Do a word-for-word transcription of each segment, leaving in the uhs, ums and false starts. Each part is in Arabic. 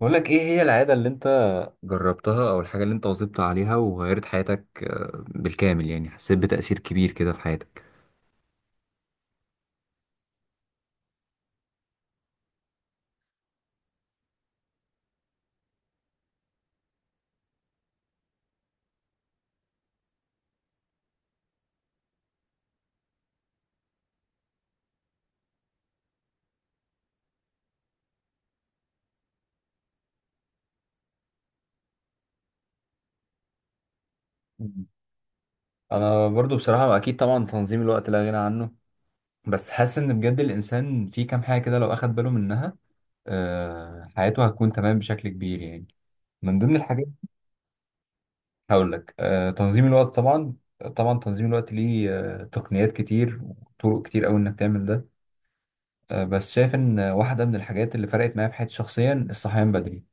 بقول لك ايه هي العادة اللي انت جربتها او الحاجة اللي انت واظبت عليها وغيرت حياتك آه، بالكامل؟ يعني حسيت بتأثير كبير كده في حياتك؟ انا برضو بصراحه اكيد طبعا تنظيم الوقت لا غنى عنه، بس حاسس ان بجد الانسان في كام حاجه كده لو اخد باله منها آه، حياته هتكون تمام بشكل كبير يعني. من ضمن الحاجات، هقول لك، آه، تنظيم الوقت طبعا. طبعا تنظيم الوقت ليه آه، تقنيات كتير وطرق كتير قوي انك تعمل ده. آه، بس شايف ان واحده من الحاجات اللي فرقت معايا في حياتي شخصيا الصحيان بدري.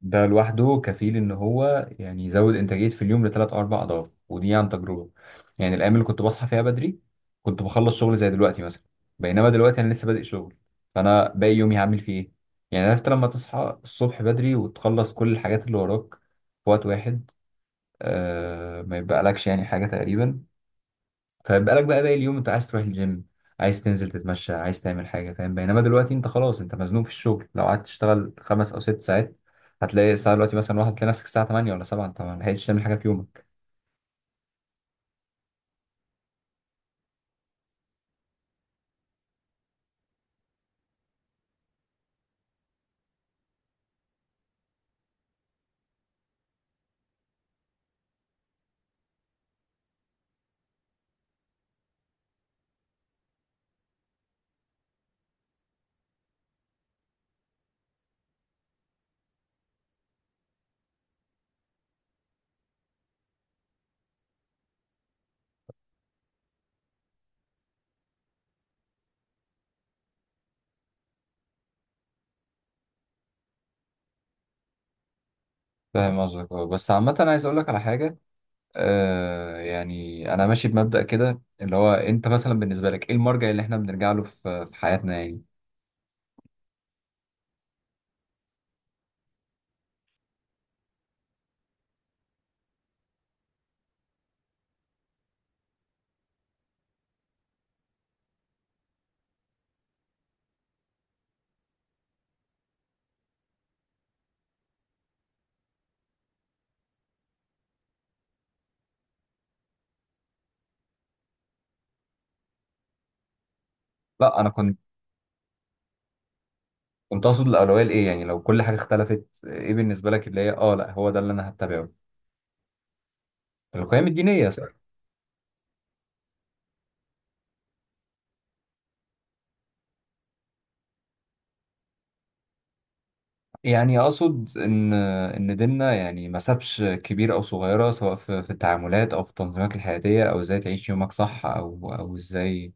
ده لوحده كفيل ان هو يعني يزود انتاجيه في اليوم لثلاث او اربع اضعاف، ودي عن تجربه. يعني الايام اللي كنت بصحى فيها بدري كنت بخلص شغل زي دلوقتي مثلا، بينما دلوقتي انا لسه بادئ شغل، فانا باقي يومي هعمل فيه ايه؟ يعني عرفت لما تصحى الصبح بدري وتخلص كل الحاجات اللي وراك في وقت واحد، آه ما يبقى لكش يعني حاجه تقريبا. فبقالك بقى باقي اليوم، انت عايز تروح الجيم، عايز تنزل تتمشى، عايز تعمل حاجة، فاهم؟ بينما دلوقتي انت خلاص انت مزنوق في الشغل، لو قعدت تشتغل خمس او ست ساعات هتلاقي الساعة دلوقتي مثلا واحد، تلاقي نفسك الساعة تمانية ولا سبعة انت ما لحقتش تعمل حاجة في يومك. فاهم قصدك، اه. بس عامة أنا عايز اقول لك على حاجة، آه، يعني انا ماشي بمبدأ كده اللي هو انت مثلا بالنسبة لك ايه المرجع اللي احنا بنرجع له في في حياتنا يعني. لا انا كنت، كنت اقصد الاولوية لايه يعني، لو كل حاجة اختلفت ايه بالنسبة لك اللي هي اه لا هو ده اللي انا هتبعه؟ القيم الدينية صح؟ يعني اقصد ان ان ديننا يعني ما سابش كبير او صغيره، سواء في في التعاملات او في التنظيمات الحياتيه او ازاي تعيش يومك صح، او او ازاي.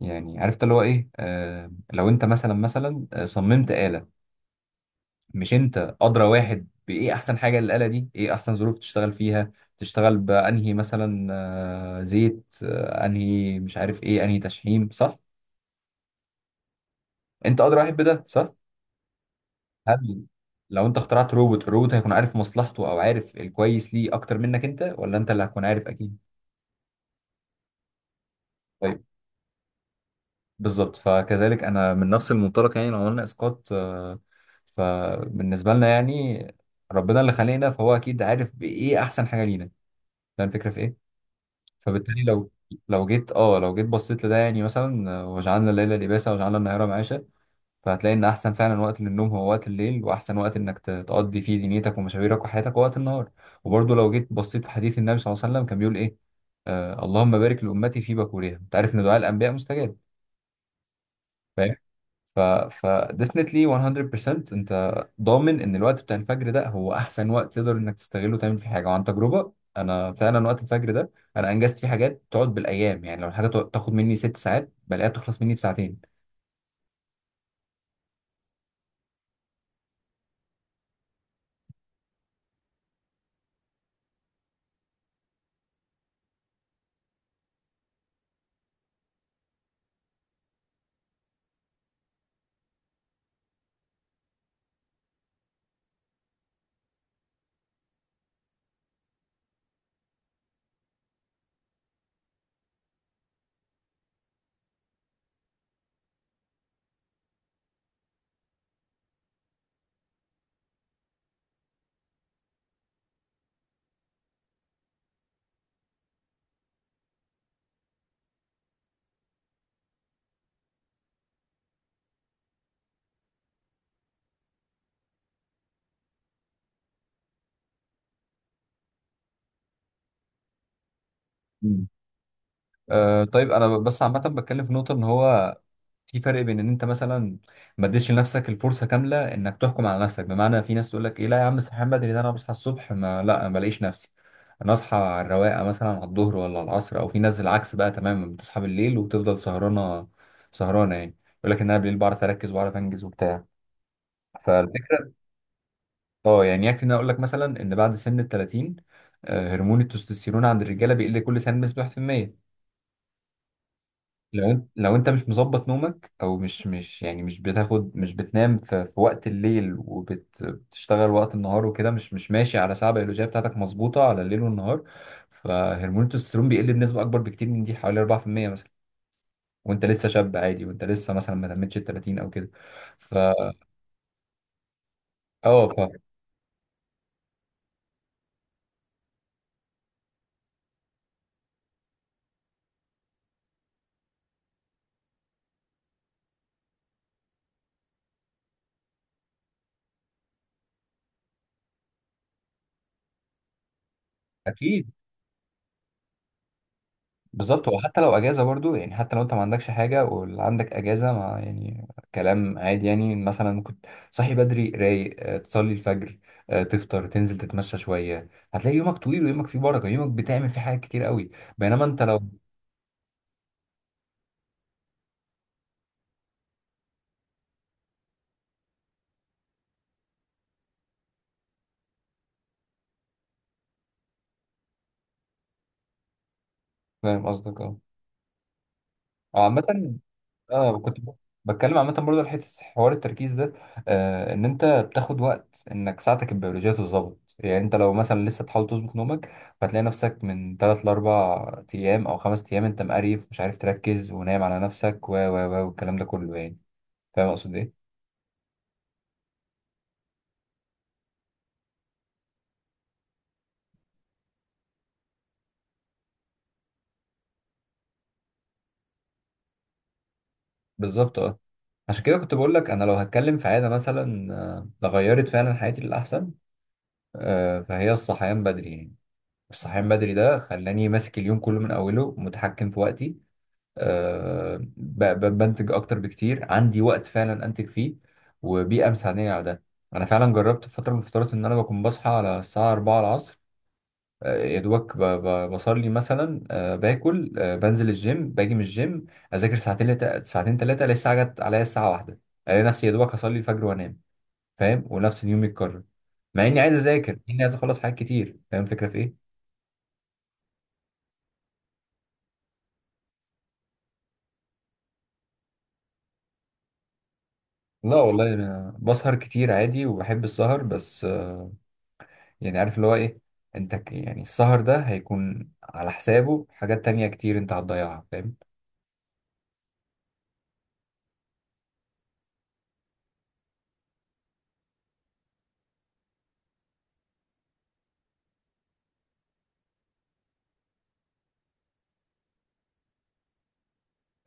يعني عرفت اللي هو ايه، آه لو انت مثلا مثلا، آه، صممت آلة، مش انت ادرى واحد بايه احسن حاجه للآلة دي؟ ايه احسن ظروف تشتغل فيها، تشتغل بانهي مثلا آه زيت، آه انهي مش عارف ايه، انهي تشحيم، صح؟ انت ادرى واحد بده، صح. هل لو انت اخترعت روبوت، الروبوت هيكون عارف مصلحته او عارف الكويس ليه اكتر منك، انت ولا انت اللي هتكون عارف؟ اكيد. طيب، بالظبط، فكذلك انا من نفس المنطلق. يعني لو قلنا اسقاط آه، فبالنسبه لنا يعني ربنا اللي خلقنا فهو اكيد عارف بايه احسن حاجه لينا. فاهم الفكره في ايه؟ فبالتالي لو، لو جيت اه لو جيت بصيت لده يعني مثلا، آه، وجعلنا الليل لباسا وجعلنا النهار معاشا، فهتلاقي ان احسن فعلا وقت للنوم هو وقت الليل، واحسن وقت انك ت- تقضي فيه دنيتك ومشاويرك وحياتك هو وقت النهار. وبرضه لو جيت بصيت في حديث النبي صلى الله عليه وسلم كان بيقول ايه، آه اللهم بارك لامتي في بكورها. انت عارف ان دعاء الانبياء مستجاب؟ فاهم. ف ف definitely مية في المية انت ضامن ان الوقت بتاع الفجر ده هو احسن وقت تقدر انك تستغله تعمل فيه حاجه. وعن تجربه انا فعلا وقت الفجر ده انا انجزت فيه حاجات تقعد بالايام. يعني لو الحاجه تقعد- تاخد مني ست ساعات بلاقيها بتخلص مني في ساعتين. أه طيب انا بس عامه بتكلم في نقطه ان هو في فرق بين ان انت مثلا ما اديتش لنفسك الفرصه كامله انك تحكم على نفسك. بمعنى في ناس تقول لك ايه، لا يا عم صحيان بدري ده انا بصحى الصبح ما لا ما بلاقيش نفسي، انا اصحى على الرواقه مثلا على الظهر ولا على العصر. او في ناس العكس بقى تماما، بتصحى بالليل وبتفضل سهرانه، سهرانه يعني يقول لك ان انا بالليل بعرف اركز وبعرف انجز وبتاع. فالفكره اه يعني، يكفي ان انا اقول لك مثلا ان بعد سن ال ثلاثين آه، هرمون التستوستيرون عند الرجاله بيقل كل سنه بنسبه واحد في المية. لو انت لو انت مش مظبط نومك، او مش مش يعني مش بتاخد مش بتنام في, في وقت الليل وبتشتغل وقت النهار وكده، مش مش ماشي على ساعة بيولوجية بتاعتك مظبوطة على الليل والنهار، فهرمون التستوستيرون بيقل بنسبة اكبر بكتير من دي حوالي اربعة في المية مثلا. وانت لسه شاب عادي، وانت لسه مثلا ما تمتش ال تلاتين او كده. ف، اه ف، اكيد. بالظبط، هو حتى لو اجازه برضو، يعني حتى لو انت ما عندكش حاجه واللي عندك اجازه ما يعني، كلام عادي. يعني مثلا كنت صاحي بدري رايق، آه، تصلي الفجر، آه، تفطر، تنزل تتمشى شويه، هتلاقي يومك طويل ويومك فيه بركه، يومك بتعمل فيه حاجات كتير قوي، بينما انت لو. فاهم قصدك اه. أو عامه، اه كنت ب- بتكلم عامة برضه على حتة حوار التركيز ده، آه ان انت بتاخد وقت انك ساعتك البيولوجية تتظبط. يعني انت لو مثلا لسه بتحاول تظبط نومك، هتلاقي نفسك من تلات لأربع ايام او خمس ايام انت مقريف، مش عارف تركز ونايم على نفسك و و و والكلام ده كله يعني. فاهم اقصد ايه؟ بالظبط اه. عشان كده كنت بقول لك انا لو هتكلم في عادة مثلا آه، غيرت فعلا حياتي للأحسن، آه فهي الصحيان بدري يعني. الصحيان بدري ده خلاني ماسك اليوم كله من أوله، متحكم في وقتي، آه، ب- ب- بنتج اكتر بكتير، عندي وقت فعلا انتج فيه وبيئه مساعداني على ده. انا فعلا جربت في فتره من الفترات ان انا بكون بصحى على الساعه اربعة العصر، آه، يا دوبك ب- ب- بصلي مثلا، آه، باكل، آه، بنزل الجيم، باجي من الجيم، اذاكر ساعتين لت- ساعتين ثلاثه، الاقي الساعه جت عليا الساعه واحدة، الاقي نفسي يا دوبك هصلي الفجر وانام. فاهم؟ ونفس اليوم يتكرر، مع اني عايز اذاكر، مع اني عايز اخلص حاجات كتير. فاهم الفكره في ايه؟ لا والله انا بسهر كتير عادي وبحب السهر، بس يعني عارف اللي هو ايه، انت ك- يعني السهر ده هيكون على حسابه حاجات تانية كتير انت هتضيعها، فاهم؟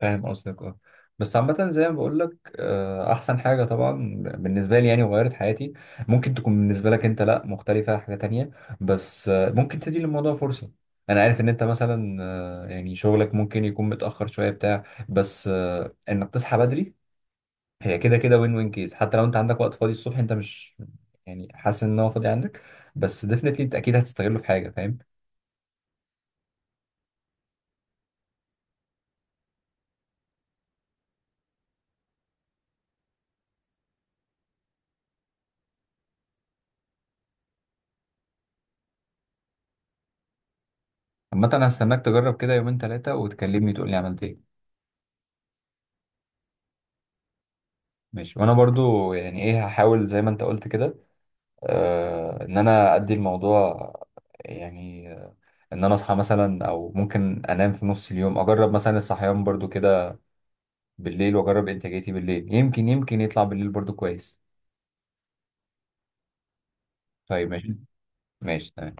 فاهم قصدك اه. بس عامة زي ما بقول لك، آه، احسن حاجة طبعا بالنسبة لي، يعني غيرت حياتي. ممكن تكون بالنسبة لك انت لا، مختلفة حاجة تانية، بس آه، ممكن تدي للموضوع فرصة. انا عارف ان انت مثلا، آه، يعني شغلك ممكن يكون متأخر شوية بتاع، بس آه، انك تصحى بدري، هي كده كده وين وين كيس. حتى لو انت عندك وقت فاضي الصبح، انت مش يعني حاسس ان هو فاضي عندك، بس ديفنتلي انت اكيد هتستغله في حاجه فاهم. عامه انا هستناك تجرب كده يومين ثلاثه وتكلمني تقول لي عملت ايه. ماشي، وانا برضو يعني ايه هحاول زي ما انت قلت كده، آه ان انا ادي الموضوع يعني، آه، ان انا اصحى مثلا، او ممكن انام في نص اليوم اجرب مثلا الصحيان برضو كده بالليل، واجرب انتاجيتي بالليل، يمكن، يمكن يطلع بالليل برضو كويس. طيب ماشي. ماشي تمام.